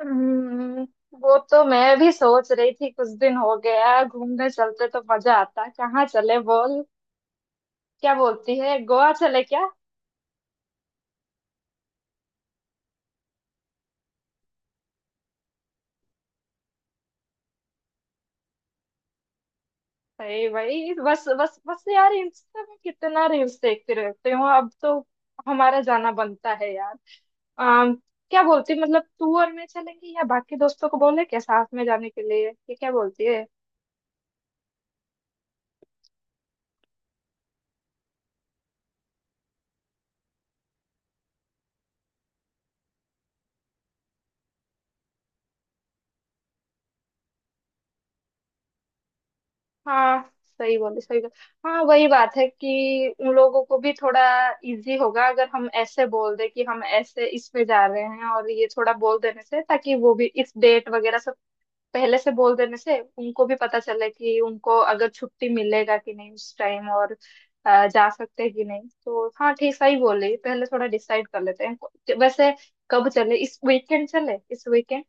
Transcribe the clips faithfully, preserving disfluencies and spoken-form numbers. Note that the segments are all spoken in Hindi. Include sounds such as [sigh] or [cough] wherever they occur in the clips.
हम्म, वो तो मैं भी सोच रही थी। कुछ दिन हो गया है, घूमने चलते तो मजा आता। कहाँ चले बोल? क्या बोलती है, गोवा चले क्या? अरे भाई बस बस बस यार, इंस्टा में कितना रील्स देखती रहती हूँ, अब तो हमारा जाना बनता है यार। अम, क्या बोलती, मतलब तू और मैं चलेंगे या बाकी दोस्तों को बोले क्या साथ में जाने के लिए, ये क्या बोलती है? हाँ, सही बोले सही बोले। हाँ, वही बात है कि उन लोगों को भी थोड़ा इजी होगा अगर हम ऐसे बोल दे कि हम ऐसे इसमें जा रहे हैं, और ये थोड़ा बोल देने से ताकि वो भी इस डेट वगैरह सब पहले से बोल देने से उनको भी पता चले कि उनको अगर छुट्टी मिलेगा कि नहीं उस टाइम, और अ, जा सकते हैं कि नहीं। तो हाँ, ठीक, सही बोले, पहले थोड़ा डिसाइड कर लेते हैं। वैसे कब चले, इस वीकेंड चले इस वीकेंड?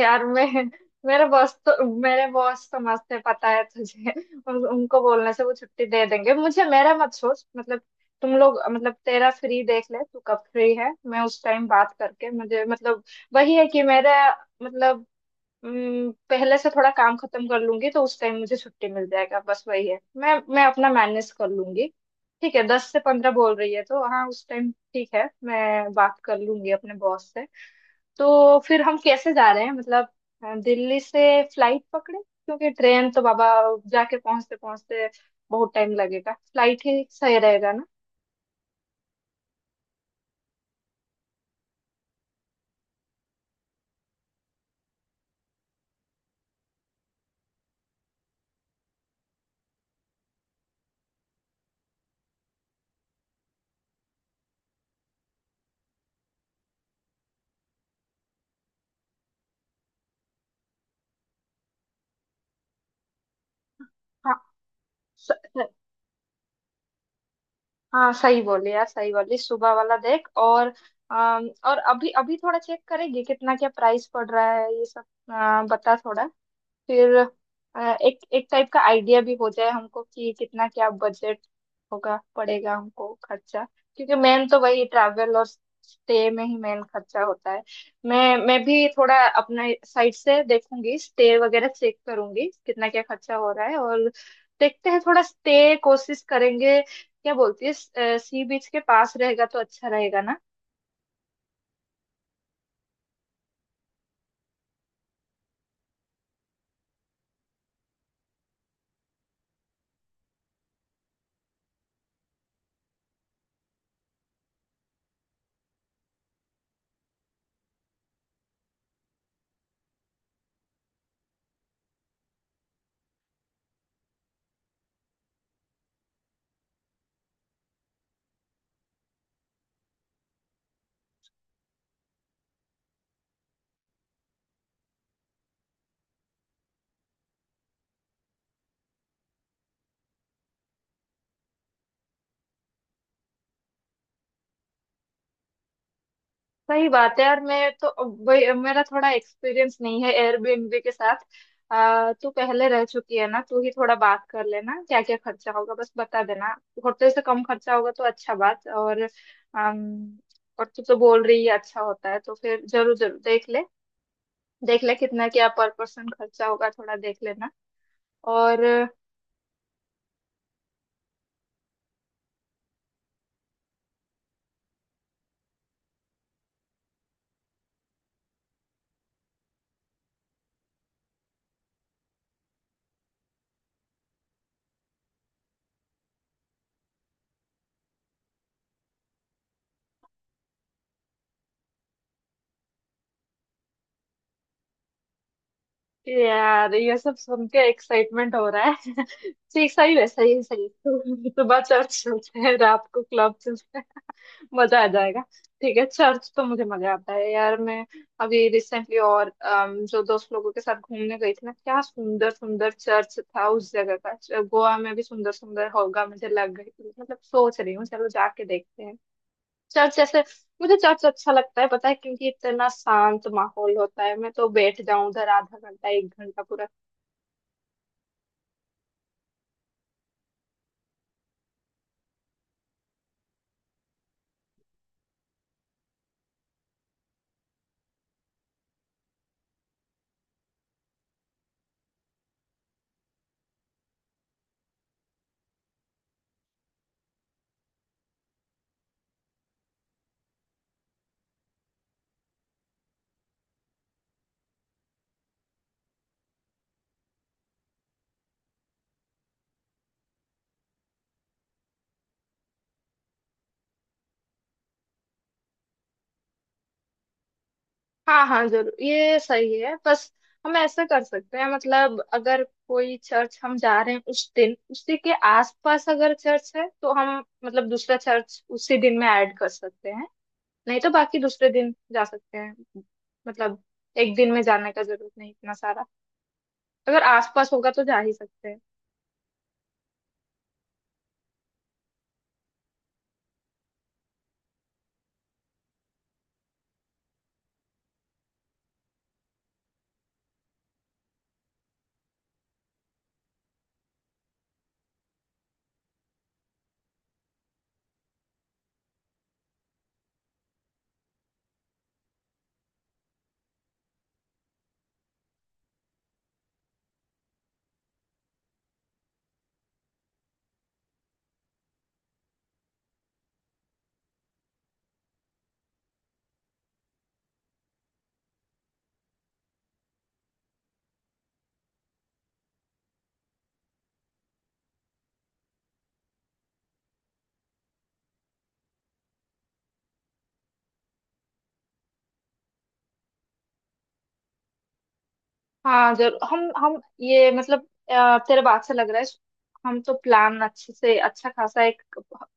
यार मैं, मेरे बॉस तो मेरे बॉस तो मस्त है, पता है तुझे, उन- उनको बोलने से वो छुट्टी दे देंगे मुझे। मेरा मत सोच, मतलब तुम लोग, मतलब तेरा फ्री देख ले, तू कब फ्री है। मैं उस टाइम बात करके, मुझे मतलब वही है कि मेरा मतलब उम्म, पहले से थोड़ा काम खत्म कर लूंगी तो उस टाइम मुझे छुट्टी मिल जाएगा। बस वही है, मैं मैं अपना मैनेज कर लूंगी। ठीक है, दस से पंद्रह बोल रही है तो हाँ, उस टाइम ठीक है, मैं बात कर लूंगी अपने बॉस से। तो फिर हम कैसे जा रहे हैं मतलब, अ, दिल्ली से फ्लाइट पकड़े, क्योंकि ट्रेन तो बाबा, जाके पहुंचते पहुंचते बहुत टाइम लगेगा, फ्लाइट ही सही रहेगा ना। हाँ हाँ, सही बोले यार, सही बोले, सुबह वाला देख। और अम, और अभी अभी थोड़ा चेक करेगी कितना क्या प्राइस पड़ रहा है ये सब, अ, बता थोड़ा, फिर अ, एक एक टाइप का आइडिया भी हो जाए हमको कि कितना क्या बजट होगा, पड़ेगा हमको खर्चा। क्योंकि मेन तो वही ट्रैवल और स्टे में ही मेन खर्चा होता है। मैं मैं भी थोड़ा अपने साइड से देखूंगी, स्टे वगैरह चेक करूंगी कितना क्या खर्चा हो रहा है। और देखते हैं थोड़ा स्टे कोशिश करेंगे, क्या बोलती है, सी बीच के पास रहेगा तो अच्छा रहेगा ना? सही बात है यार। मैं तो वही- मेरा थोड़ा एक्सपीरियंस नहीं है एयरबीएनबी के साथ। आ, तू पहले रह चुकी है ना, तू ही थोड़ा बात कर लेना, क्या क्या खर्चा होगा बस बता देना। होटल से कम खर्चा होगा तो अच्छा बात। और अम, और तू तो बोल रही है अच्छा होता है, तो फिर जरूर जरूर देख ले, देख ले कितना क्या पर पर्सन खर्चा होगा, थोड़ा देख लेना और। यार ये सब सुन के एक्साइटमेंट हो रहा है। [laughs] ठीक, सही है सही है सही है। [laughs] सुबह चर्च चलते हैं, [laughs] रात को क्लब, मजा आ जाएगा। ठीक है, चर्च तो मुझे मजा आता है यार। मैं अभी रिसेंटली और अम, जो दोस्त लोगों के साथ घूमने गई थी ना, क्या सुंदर सुंदर चर्च था उस जगह का, च- गोवा में भी सुंदर सुंदर होगा, मुझे लग गई, मतलब सोच रही हूँ चलो जाके देखते हैं चर्च जैसे। मुझे चर्च अच्छा लगता है पता है, क्योंकि इतना शांत माहौल होता है, मैं तो बैठ जाऊं उधर आधा घंटा एक घंटा पूरा। हाँ हाँ जरूर, ये सही है। बस हम ऐसे कर सकते हैं, मतलब अगर कोई चर्च हम जा रहे हैं उस दिन उसी के आसपास अगर चर्च है, तो हम मतलब दूसरा चर्च उसी दिन में ऐड कर सकते हैं। नहीं तो बाकी दूसरे दिन जा सकते हैं। मतलब एक दिन में जाने का जरूरत नहीं इतना सारा, अगर आसपास होगा तो जा ही सकते हैं। हाँ जरूर। हम हम ये मतलब, अ, तेरे बात से लग रहा है हम तो प्लान अच्छे से अच्छा खासा एक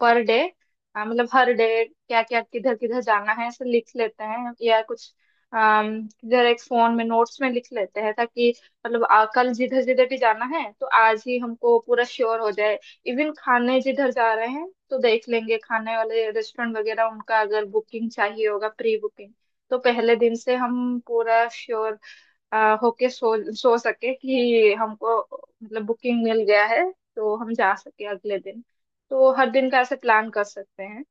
पर डे, मतलब हर डे क्या क्या किधर किधर जाना है ऐसे लिख लेते हैं या कुछ, अम, किधर एक फोन में नोट्स में लिख लेते हैं। ताकि मतलब आ, कल जिधर जिधर भी जाना है तो आज ही हमको पूरा श्योर हो जाए। इवन खाने जिधर जा रहे हैं तो देख लेंगे, खाने वाले रेस्टोरेंट वगैरह उनका अगर बुकिंग चाहिए होगा, प्री बुकिंग, तो पहले दिन से हम पूरा श्योर आ, होके सो सो सके कि हमको मतलब बुकिंग मिल गया है, तो हम जा सके अगले दिन। तो हर दिन का ऐसे प्लान कर सकते हैं।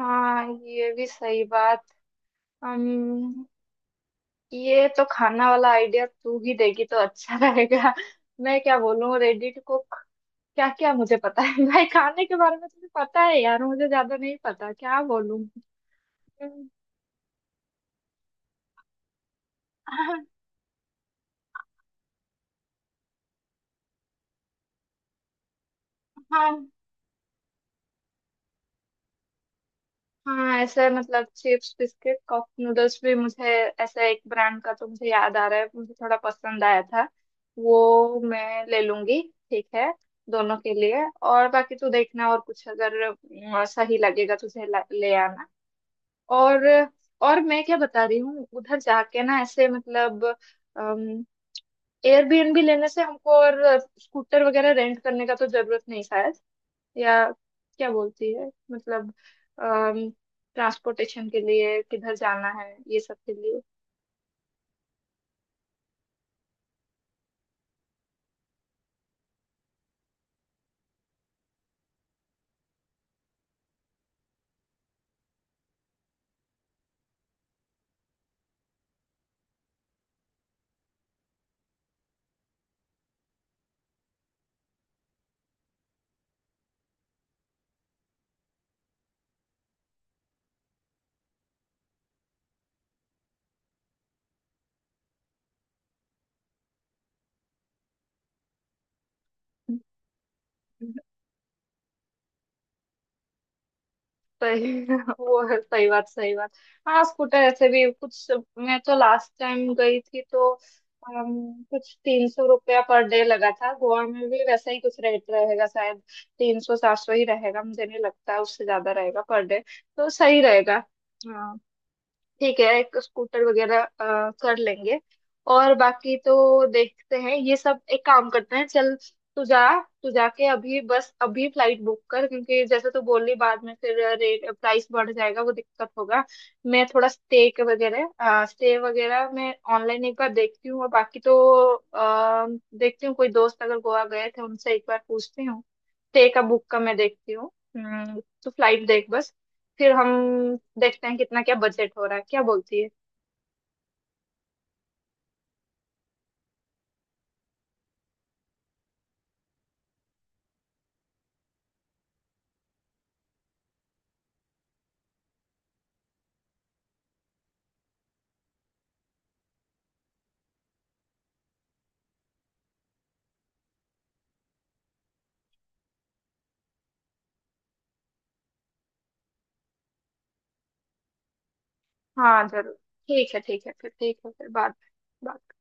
हाँ ये भी सही बात। हम, ये तो खाना वाला आइडिया तू ही देगी तो अच्छा [laughs] रहेगा। मैं क्या बोलूँ रेडिट को, क्या क्या मुझे पता है [laughs] भाई खाने के बारे में तुझे पता है यार, मुझे ज्यादा नहीं पता, क्या बोलूँ। [laughs] हाँ हाँ। हाँ ऐसा है, मतलब चिप्स बिस्किट कप नूडल्स भी, मुझे ऐसा एक ब्रांड का तो मुझे याद आ रहा है, मुझे थोड़ा पसंद आया था, वो मैं ले लूंगी, ठीक है, दोनों के लिए। और बाकी तू देखना, और कुछ अगर अ, सही लगेगा तुझे ला- ले आना। और और मैं क्या बता रही हूँ उधर जाके ना, ऐसे मतलब एयरबीएनबी लेने से हमको और स्कूटर वगैरह रेंट करने का तो जरूरत नहीं शायद, या क्या बोलती है, मतलब ट्रांसपोर्टेशन के लिए किधर जाना है ये सब के लिए? सही [laughs] वो है, सही बात सही बात। हाँ स्कूटर ऐसे भी कुछ, मैं तो लास्ट टाइम गई थी तो अम, कुछ तीन सौ रुपया पर डे लगा था। गोवा में भी वैसा ही कुछ रेट रहेगा शायद, तीन सौ सात सौ ही रहेगा, मुझे नहीं लगता उससे ज्यादा रहेगा पर डे, तो सही रहेगा। हाँ ठीक है, एक स्कूटर वगैरह अ, कर लेंगे। और बाकी तो देखते हैं ये सब, एक काम करते हैं चल, तू जा, तू जाके अभी बस अभी फ्लाइट बुक कर, क्योंकि जैसे तू बोल रही बाद में फिर रेट प्राइस बढ़ जाएगा, वो दिक्कत होगा। मैं थोड़ा स्टे के वगैरह स्टे वगैरह मैं ऑनलाइन एक बार देखती हूँ, और बाकी तो आ, देखती हूँ कोई दोस्त अगर गोवा गए थे उनसे एक बार पूछती हूँ, स्टे का बुक का मैं देखती हूँ। हम्म, तू फ्लाइट देख बस, फिर हम देखते हैं कितना क्या बजट हो रहा है, क्या बोलती है? हाँ जरूर, ठीक है ठीक है, फिर ठीक है, फिर बात।